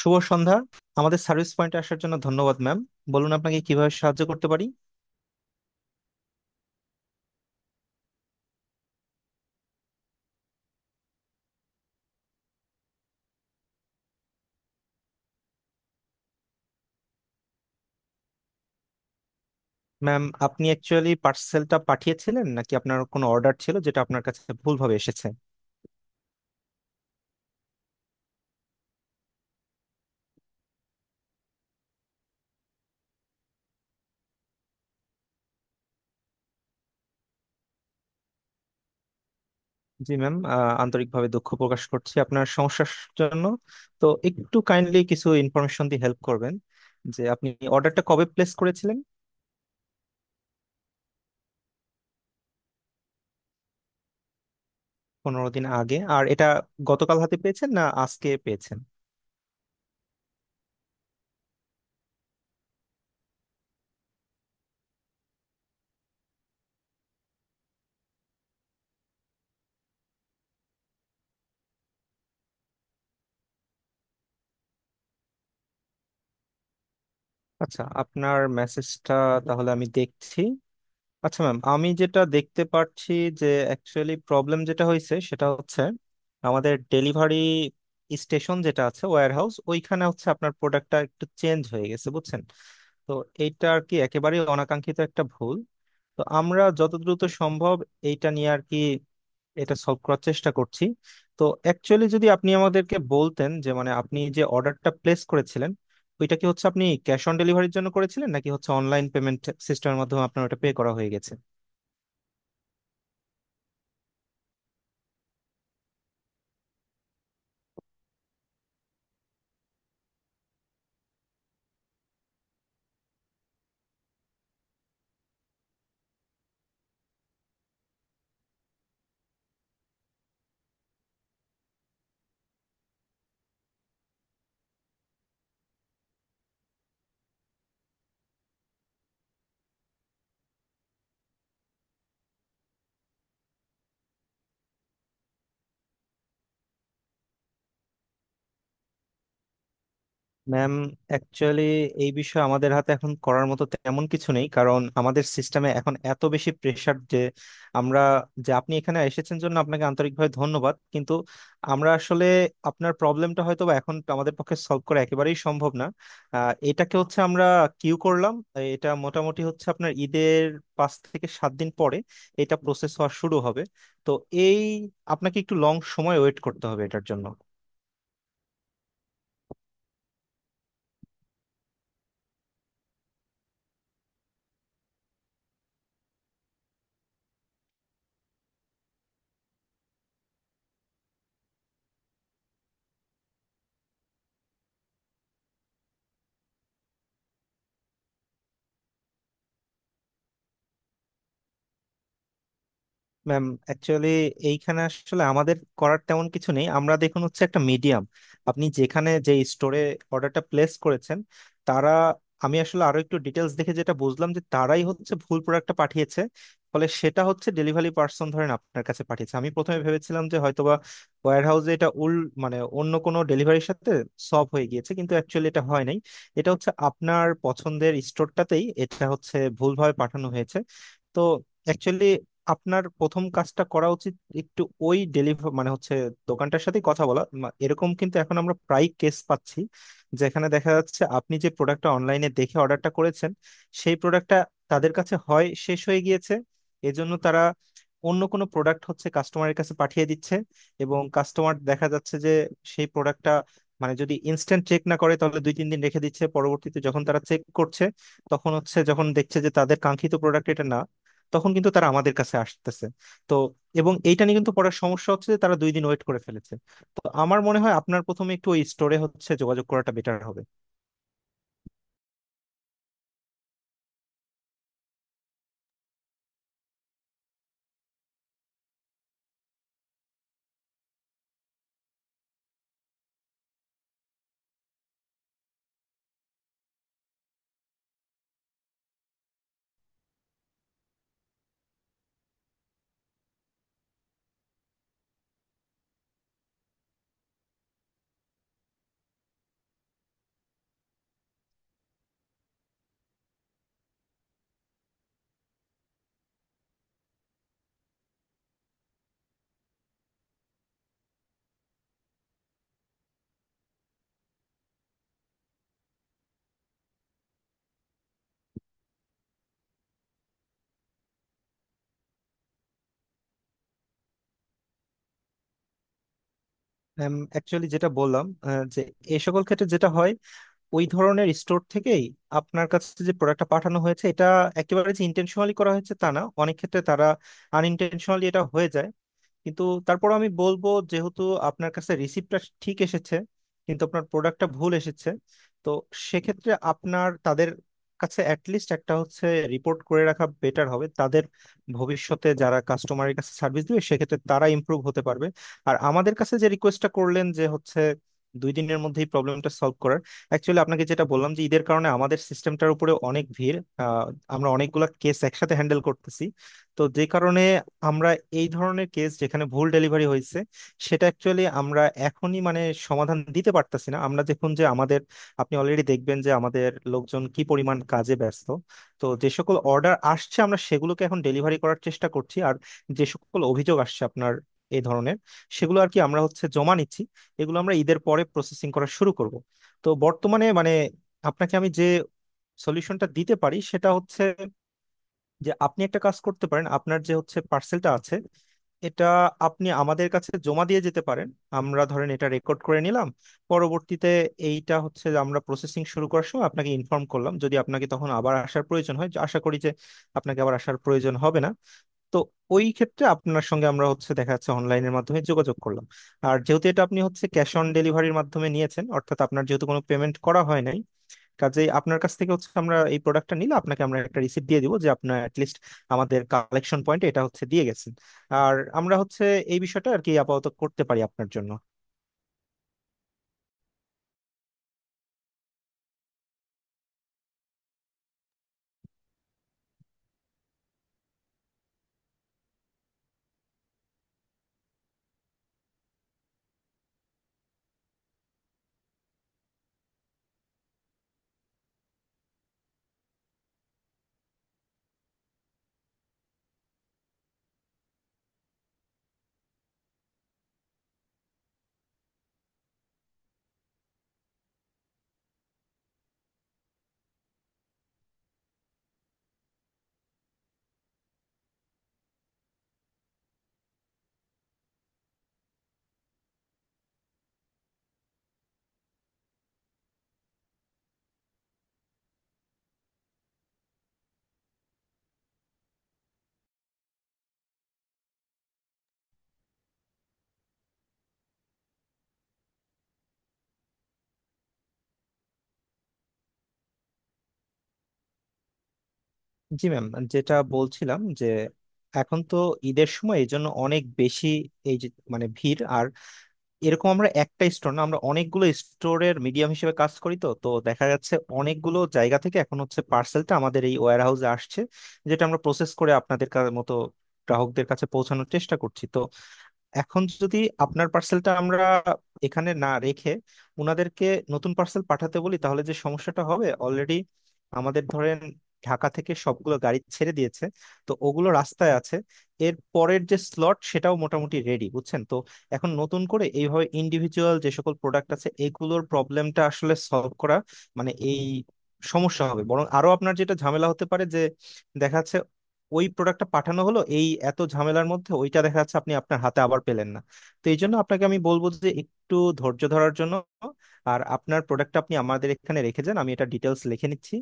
শুভ সন্ধ্যা। আমাদের সার্ভিস পয়েন্টে আসার জন্য ধন্যবাদ ম্যাম। বলুন আপনাকে কিভাবে সাহায্য করতে পারি। ম্যাম, আপনি অ্যাকচুয়ালি পার্সেলটা পাঠিয়েছিলেন নাকি আপনার কোনো অর্ডার ছিল যেটা আপনার কাছে ভুলভাবে এসেছে? জি ম্যাম, আন্তরিকভাবে দুঃখ প্রকাশ করছি আপনার সমস্যার জন্য। তো একটু কাইন্ডলি কিছু ইনফরমেশন দিয়ে হেল্প করবেন যে আপনি অর্ডারটা কবে প্লেস করেছিলেন। 15 দিন আগে আর এটা গতকাল হাতে পেয়েছেন না আজকে পেয়েছেন? আচ্ছা, আপনার মেসেজটা তাহলে আমি দেখছি। আচ্ছা ম্যাম, আমি যেটা দেখতে পাচ্ছি যে অ্যাকচুয়ালি প্রবলেম যেটা হয়েছে সেটা হচ্ছে আমাদের ডেলিভারি স্টেশন যেটা আছে ওয়্যার হাউস, ওইখানে হচ্ছে আপনার প্রোডাক্টটা একটু চেঞ্জ হয়ে গেছে, বুঝছেন। তো এইটা আর কি একেবারেই অনাকাঙ্ক্ষিত একটা ভুল। তো আমরা যত দ্রুত সম্ভব এইটা নিয়ে আর কি এটা সলভ করার চেষ্টা করছি। তো অ্যাকচুয়ালি যদি আপনি আমাদেরকে বলতেন যে মানে আপনি যে অর্ডারটা প্লেস করেছিলেন ওইটা কি হচ্ছে আপনি ক্যাশ অন ডেলিভারির জন্য করেছিলেন নাকি হচ্ছে অনলাইন পেমেন্ট সিস্টেমের মাধ্যমে আপনার ওটা পে করা হয়ে গেছে? ম্যাম অ্যাকচুয়ালি এই বিষয়ে আমাদের হাতে এখন করার মতো তেমন কিছু নেই কারণ আমাদের সিস্টেমে এখন এত বেশি প্রেসার যে আমরা, যে আপনি এখানে এসেছেন জন্য আপনাকে আন্তরিকভাবে ধন্যবাদ, কিন্তু আমরা আসলে আপনার প্রবলেমটা হয়তো বা এখন আমাদের পক্ষে সলভ করা একেবারেই সম্ভব না। এটাকে হচ্ছে আমরা কিউ করলাম। এটা মোটামুটি হচ্ছে আপনার ঈদের 5 থেকে 7 দিন পরে এটা প্রসেস হওয়া শুরু হবে। তো এই আপনাকে একটু লং সময় ওয়েট করতে হবে এটার জন্য। ম্যাম অ্যাকচুয়ালি এইখানে আসলে আমাদের করার তেমন কিছু নেই, আমরা দেখুন হচ্ছে একটা মিডিয়াম। আপনি যেখানে যে স্টোরে অর্ডারটা প্লেস করেছেন তারা, আমি আসলে আরো একটু ডিটেলস দেখে যেটা বুঝলাম যে তারাই হচ্ছে ভুল প্রোডাক্টটা পাঠিয়েছে। ফলে সেটা হচ্ছে ডেলিভারি পার্সন ধরেন আপনার কাছে পাঠিয়েছে। আমি প্রথমে ভেবেছিলাম যে হয়তোবা ওয়্যার হাউসে এটা মানে অন্য কোনো ডেলিভারির সাথে সব হয়ে গিয়েছে, কিন্তু অ্যাকচুয়ালি এটা হয় নাই। এটা হচ্ছে আপনার পছন্দের স্টোরটাতেই এটা হচ্ছে ভুলভাবে পাঠানো হয়েছে। তো অ্যাকচুয়ালি আপনার প্রথম কাজটা করা উচিত একটু ওই ডেলিভার মানে হচ্ছে দোকানটার সাথে কথা বলা এরকম, কিন্তু এখন আমরা প্রায় কেস পাচ্ছি যেখানে দেখা যাচ্ছে আপনি যে প্রোডাক্টটা অনলাইনে দেখে অর্ডারটা করেছেন সেই প্রোডাক্টটা তাদের কাছে হয় শেষ হয়ে গিয়েছে। এজন্য তারা অন্য কোনো প্রোডাক্ট হচ্ছে কাস্টমারের কাছে পাঠিয়ে দিচ্ছে এবং কাস্টমার দেখা যাচ্ছে যে সেই প্রোডাক্টটা মানে যদি ইনস্ট্যান্ট চেক না করে তাহলে দুই তিন দিন রেখে দিচ্ছে, পরবর্তীতে যখন তারা চেক করছে তখন হচ্ছে যখন দেখছে যে তাদের কাঙ্ক্ষিত প্রোডাক্ট এটা না তখন কিন্তু তারা আমাদের কাছে আসতেছে। তো এবং এইটা নিয়ে কিন্তু পড়ার সমস্যা হচ্ছে যে তারা 2 দিন ওয়েট করে ফেলেছে। তো আমার মনে হয় আপনার প্রথমে একটু ওই স্টোরে হচ্ছে যোগাযোগ করাটা বেটার হবে। অ্যাকচুয়ালি যেটা বললাম যে এই সকল ক্ষেত্রে যেটা হয় ওই ধরনের স্টোর থেকেই আপনার কাছে যে প্রোডাক্টটা পাঠানো হয়েছে এটা একেবারে যে ইন্টেনশনালি করা হয়েছে তা না, অনেক ক্ষেত্রে তারা আনইনটেনশনালি এটা হয়ে যায়। কিন্তু তারপর আমি বলবো যেহেতু আপনার কাছে রিসিপ্টটা ঠিক এসেছে কিন্তু আপনার প্রোডাক্টটা ভুল এসেছে, তো সেক্ষেত্রে আপনার তাদের কাছে অ্যাটলিস্ট একটা হচ্ছে রিপোর্ট করে রাখা বেটার হবে। তাদের ভবিষ্যতে যারা কাস্টমারের কাছে সার্ভিস দিবে সেক্ষেত্রে তারা ইমপ্রুভ হতে পারবে। আর আমাদের কাছে যে রিকোয়েস্টটা করলেন যে হচ্ছে 2 দিনের মধ্যেই প্রবলেমটা সলভ করার, অ্যাকচুয়ালি আপনাকে যেটা বললাম যে ঈদের কারণে আমাদের সিস্টেমটার উপরে অনেক ভিড়। আহ, আমরা অনেকগুলা কেস একসাথে হ্যান্ডেল করতেছি। তো যে কারণে আমরা এই ধরনের কেস যেখানে ভুল ডেলিভারি হয়েছে সেটা অ্যাকচুয়ালি আমরা এখনই মানে সমাধান দিতে পারতাছি না। আমরা দেখুন যে আমাদের, আপনি অলরেডি দেখবেন যে আমাদের লোকজন কি পরিমাণ কাজে ব্যস্ত। তো যে সকল অর্ডার আসছে আমরা সেগুলোকে এখন ডেলিভারি করার চেষ্টা করছি আর যে সকল অভিযোগ আসছে আপনার এই ধরনের, সেগুলো আর কি আমরা হচ্ছে জমা নিচ্ছি। এগুলো আমরা ঈদের পরে প্রসেসিং করা শুরু করব। তো বর্তমানে মানে আপনাকে আমি যে সলিউশনটা দিতে পারি সেটা হচ্ছে যে আপনি একটা কাজ করতে পারেন, আপনার যে হচ্ছে পার্সেলটা আছে এটা আপনি আমাদের কাছে জমা দিয়ে যেতে পারেন। আমরা ধরেন এটা রেকর্ড করে নিলাম, পরবর্তীতে এইটা হচ্ছে যে আমরা প্রসেসিং শুরু করার সময় আপনাকে ইনফর্ম করলাম যদি আপনাকে তখন আবার আসার প্রয়োজন হয়, যা আশা করি যে আপনাকে আবার আসার প্রয়োজন হবে না। তো ওই ক্ষেত্রে আপনার সঙ্গে আমরা হচ্ছে দেখা যাচ্ছে অনলাইনের মাধ্যমে যোগাযোগ করলাম। আর যেহেতু এটা আপনি হচ্ছে ক্যাশ অন ডেলিভারির মাধ্যমে নিয়েছেন অর্থাৎ আপনার যেহেতু কোনো পেমেন্ট করা হয়নি, কাজেই আপনার কাছ থেকে হচ্ছে আমরা এই প্রোডাক্টটা নিলে আপনাকে আমরা একটা রিসিপ্ট দিয়ে দিব যে আপনার অ্যাটলিস্ট আমাদের কালেকশন পয়েন্টে এটা হচ্ছে দিয়ে গেছেন। আর আমরা হচ্ছে এই বিষয়টা আর কি আপাতত করতে পারি আপনার জন্য। জি ম্যাম, যেটা বলছিলাম যে এখন তো ঈদের সময় এই জন্য অনেক বেশি এই যে মানে ভিড় আর এরকম। আমরা একটা স্টোর না, আমরা অনেকগুলো স্টোরের মিডিয়াম হিসেবে কাজ করি। তো তো দেখা যাচ্ছে অনেকগুলো জায়গা থেকে এখন হচ্ছে পার্সেলটা আমাদের এই ওয়্যার হাউসে আসছে, যেটা আমরা প্রসেস করে আপনাদের মতো গ্রাহকদের কাছে পৌঁছানোর চেষ্টা করছি। তো এখন যদি আপনার পার্সেলটা আমরা এখানে না রেখে ওনাদেরকে নতুন পার্সেল পাঠাতে বলি তাহলে যে সমস্যাটা হবে, অলরেডি আমাদের ধরেন ঢাকা থেকে সবগুলো গাড়ি ছেড়ে দিয়েছে, তো ওগুলো রাস্তায় আছে। এর পরের যে স্লট সেটাও মোটামুটি রেডি, বুঝছেন। তো এখন নতুন করে এইভাবে ইন্ডিভিজুয়াল যে সকল প্রোডাক্ট আছে এগুলোর প্রবলেমটা আসলে সলভ করা মানে এই সমস্যা হবে। বরং আরো আপনার যেটা ঝামেলা হতে পারে যে দেখাচ্ছে ওই প্রোডাক্টটা পাঠানো হলো এই এত ঝামেলার মধ্যে ওইটা দেখা যাচ্ছে আপনি আপনার হাতে আবার পেলেন না। তো এই জন্য আপনাকে আমি বলবো যে একটু ধৈর্য ধরার জন্য। আর আপনার প্রোডাক্টটা আপনি আমাদের এখানে রেখে যান, আমি এটা ডিটেলস লিখে নিচ্ছি।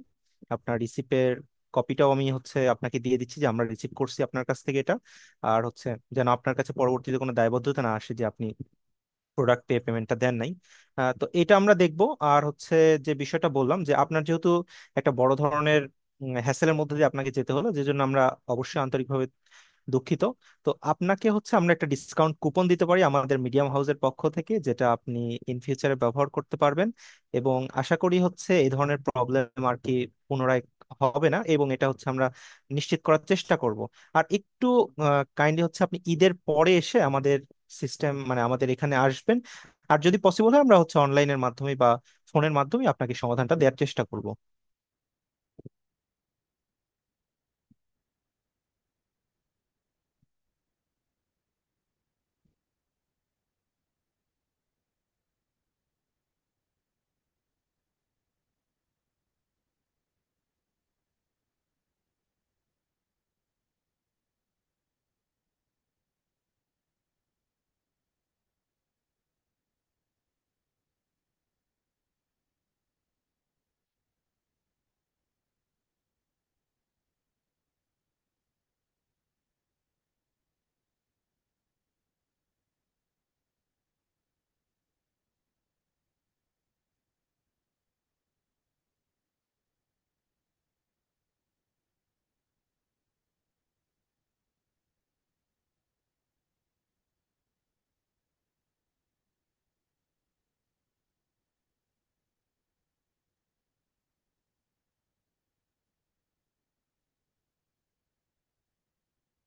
আপনার রিসিপের কপিটাও আমি হচ্ছে আপনাকে দিয়ে দিচ্ছি যে আমরা রিসিভ করছি আপনার কাছ থেকে এটা। আর হচ্ছে যেন আপনার কাছে পরবর্তীতে কোনো দায়বদ্ধতা না আসে যে আপনি প্রোডাক্টে পেমেন্টটা দেন নাই। তো এটা আমরা দেখব। আর হচ্ছে যে বিষয়টা বললাম যে আপনার যেহেতু একটা বড় ধরনের হ্যাসেলের মধ্যে দিয়ে আপনাকে যেতে হলো, যে জন্য আমরা অবশ্যই আন্তরিকভাবে দুঃখিত। তো আপনাকে হচ্ছে আমরা একটা ডিসকাউন্ট কুপন দিতে পারি আমাদের মিডিয়াম হাউসের পক্ষ থেকে, যেটা আপনি ইন ফিউচারে ব্যবহার করতে পারবেন। এবং আশা করি হচ্ছে এই ধরনের প্রবলেম আর কি পুনরায় হবে না এবং এটা হচ্ছে আমরা নিশ্চিত করার চেষ্টা করব। আর একটু কাইন্ডলি হচ্ছে আপনি ঈদের পরে এসে আমাদের সিস্টেম মানে আমাদের এখানে আসবেন। আর যদি পসিবল হয় আমরা হচ্ছে অনলাইনের মাধ্যমে বা ফোনের মাধ্যমে আপনাকে সমাধানটা দেওয়ার চেষ্টা করব।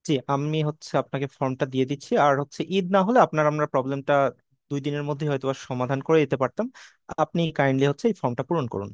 জি আমি হচ্ছে আপনাকে ফর্মটা দিয়ে দিচ্ছি আর হচ্ছে ঈদ না হলে আপনার আমরা প্রবলেমটা 2 দিনের মধ্যে হয়তো সমাধান করে দিতে পারতাম। আপনি কাইন্ডলি হচ্ছে এই ফর্মটা পূরণ করুন।